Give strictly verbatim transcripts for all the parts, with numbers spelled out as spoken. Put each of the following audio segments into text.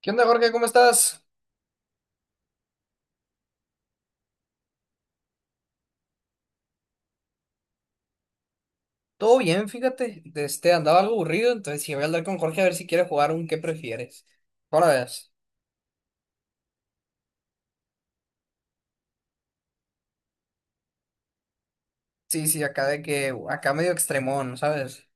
¿Qué onda, Jorge? ¿Cómo estás? Todo bien, fíjate. De Este, andaba algo aburrido, entonces sí voy a hablar con Jorge a ver si quiere jugar un ¿qué prefieres? Ahora ves. Sí, sí, Acá de que, acá medio extremón, ¿sabes?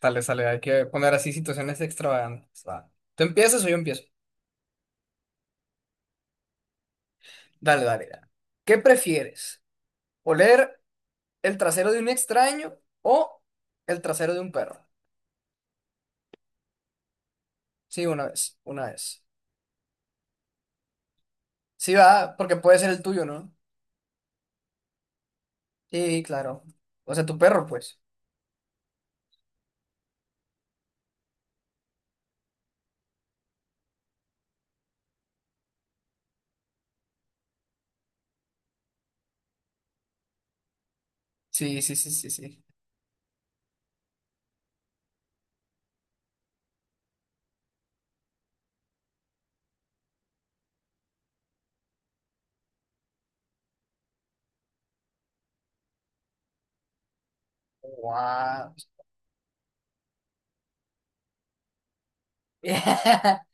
Dale, sale, hay que poner así situaciones extravagantes. Va. ¿Tú empiezas o yo empiezo? Dale, dale, dale. ¿Qué prefieres? ¿Oler el trasero de un extraño o el trasero de un perro? Sí, una vez, una vez. Sí, va, porque puede ser el tuyo, ¿no? Sí, claro. O sea, tu perro, pues. Sí, sí, sí, sí, sí. Guau.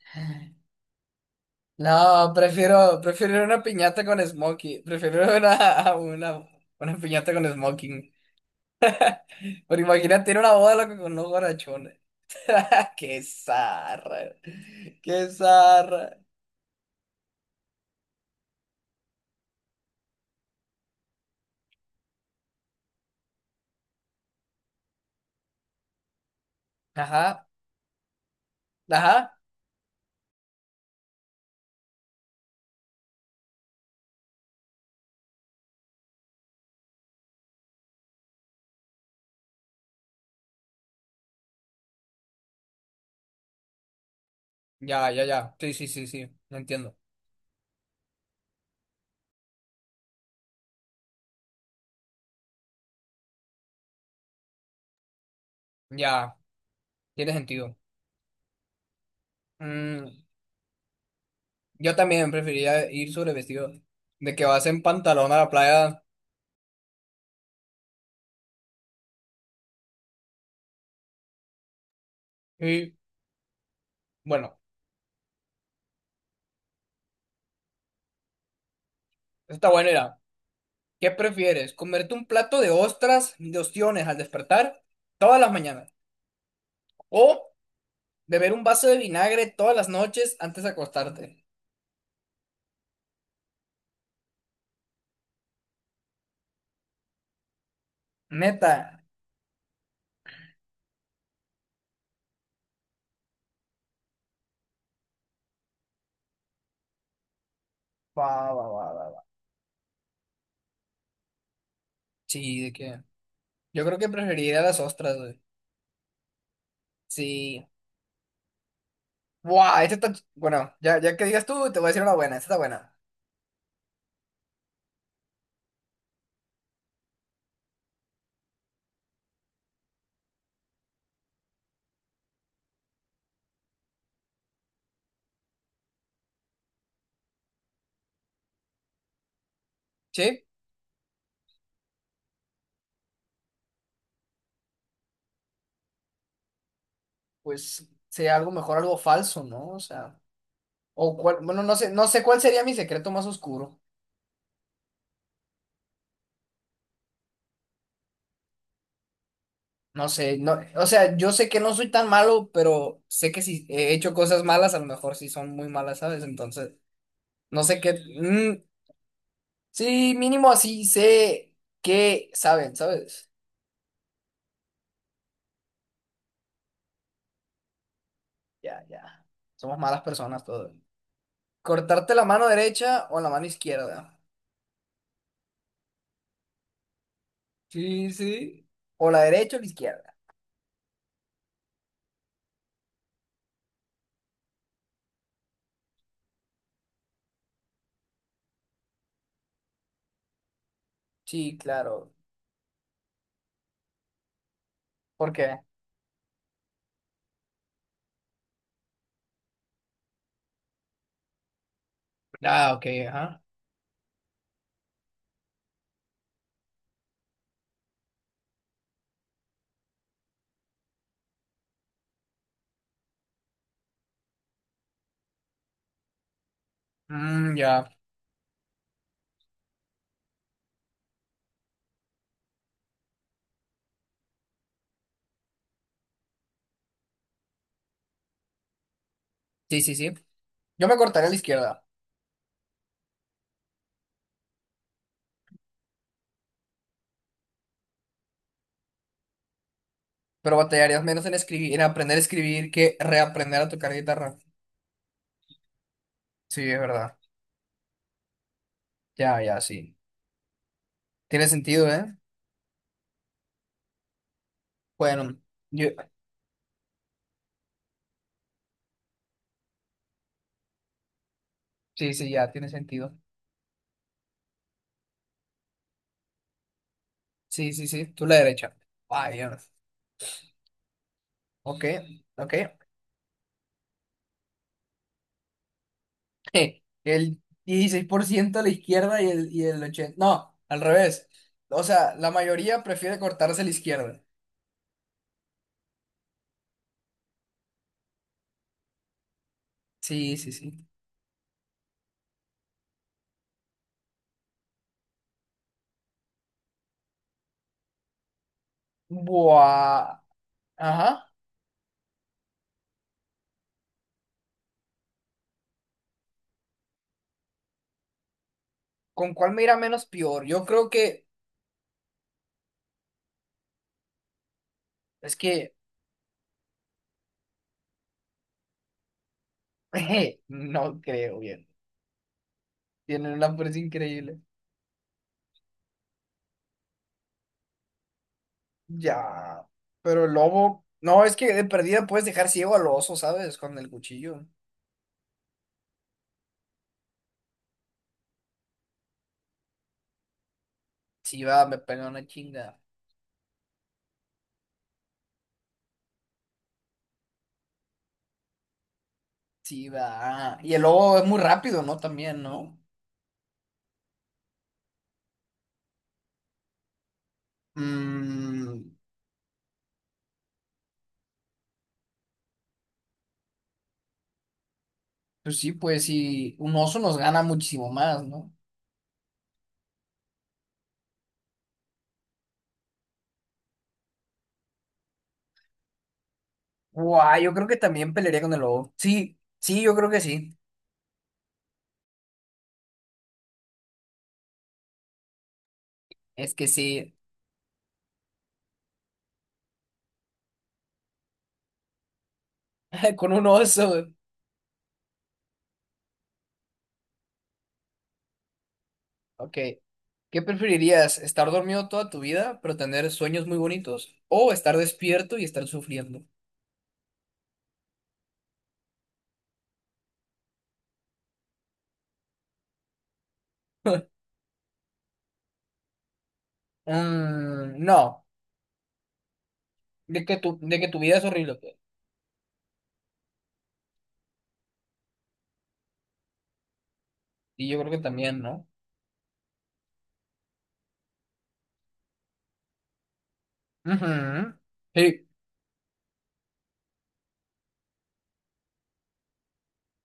No, prefiero, prefiero ir a una piñata con smoking. Prefiero ir a a una, una piñata con smoking. Pero imagínate ir a una boda loco, con unos guarachones. Qué zarra. Qué zarra. Ajá, ajá. Ya, ya, ya. Sí, sí, sí, sí. Lo entiendo. Ya, tiene sentido. Mm, yo también preferiría ir sobre vestido. De que vas en pantalón a la playa. Y bueno, está bueno ir. ¿Qué prefieres? ¿Comerte un plato de ostras, de ostiones al despertar todas las mañanas? ¿O beber un vaso de vinagre todas las noches antes de acostarte? Neta. Va, va, va, va, va. Sí, de que. Yo creo que preferiría las ostras, güey. Sí. Buah, esta está. ch- Bueno, ya, ya que digas tú, te voy a decir una buena. Esta está buena. Sí, pues sería algo mejor, algo falso, ¿no? O sea. O cuál. Bueno, no sé, no sé cuál sería mi secreto más oscuro. No sé, no, o sea, yo sé que no soy tan malo, pero sé que si he hecho cosas malas, a lo mejor sí son muy malas, ¿sabes? Entonces, no sé qué. Mm, sí, mínimo así sé que saben, ¿sabes? Ya, ya. Somos malas personas todos. Cortarte la mano derecha o la mano izquierda. Sí, sí. O la derecha o la izquierda. Sí, claro. ¿Por qué? Ah, ok, ajá. Mm, ya. Sí, sí, sí. Yo me cortaría la izquierda. Pero batallarías menos en escribir, en aprender a escribir que reaprender a tocar guitarra. Sí, es verdad. Ya, ya, sí. Tiene sentido, ¿eh? Bueno, yo... Sí, sí, ya, tiene sentido. Sí, sí, sí. Tú la derecha. Vaya. Ok, ok. El dieciséis por ciento a la izquierda y el, y el ochenta... No, al revés. O sea, la mayoría prefiere cortarse la izquierda. Sí, sí, sí. Buah. Ajá. ¿Con cuál me irá menos peor? Yo creo que... Es que... No creo bien. Tienen una fuerza increíble. Ya. Pero el lobo. No, es que de perdida puedes dejar ciego al oso, ¿sabes? Con el cuchillo. Sí, va, me pega una chinga. Sí, va. Y el lobo es muy rápido, ¿no? También, ¿no? Mm, pues sí, pues sí. Un oso nos gana muchísimo más, ¿no? Guau, yo creo que también pelearía con el lobo. Sí, sí, yo creo que sí. Es que sí. Con un oso. Ok. ¿Qué preferirías? ¿Estar dormido toda tu vida, pero tener sueños muy bonitos? ¿O estar despierto y estar sufriendo? Mm, no, de que tu, de que tu vida es horrible. Pues. Y yo creo que también, ¿no? Ujú. Sí,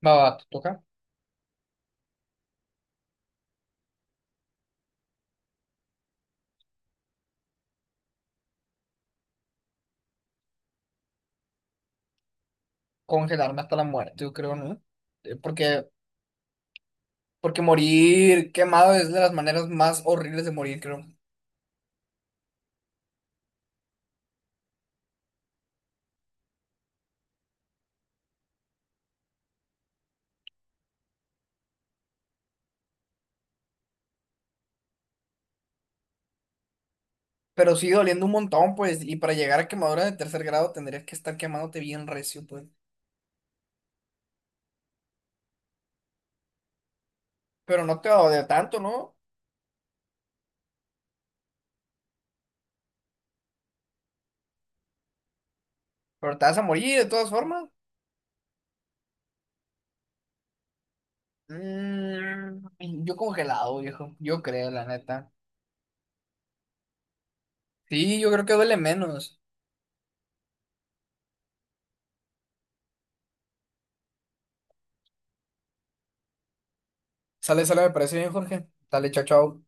va, va, te toca congelarme hasta la muerte, yo creo, ¿no? Eh, Porque, porque morir quemado es de las maneras más horribles de morir, creo. Pero sí doliendo un montón, pues, y para llegar a quemadura de tercer grado tendrías que estar quemándote bien recio, pues. Pero no te va a doler tanto, ¿no? Pero te vas a morir de todas formas. Mm, yo congelado, viejo. Yo creo, la neta. Sí, yo creo que duele menos. Sale, sale, me parece bien, Jorge. Dale, chao, chao.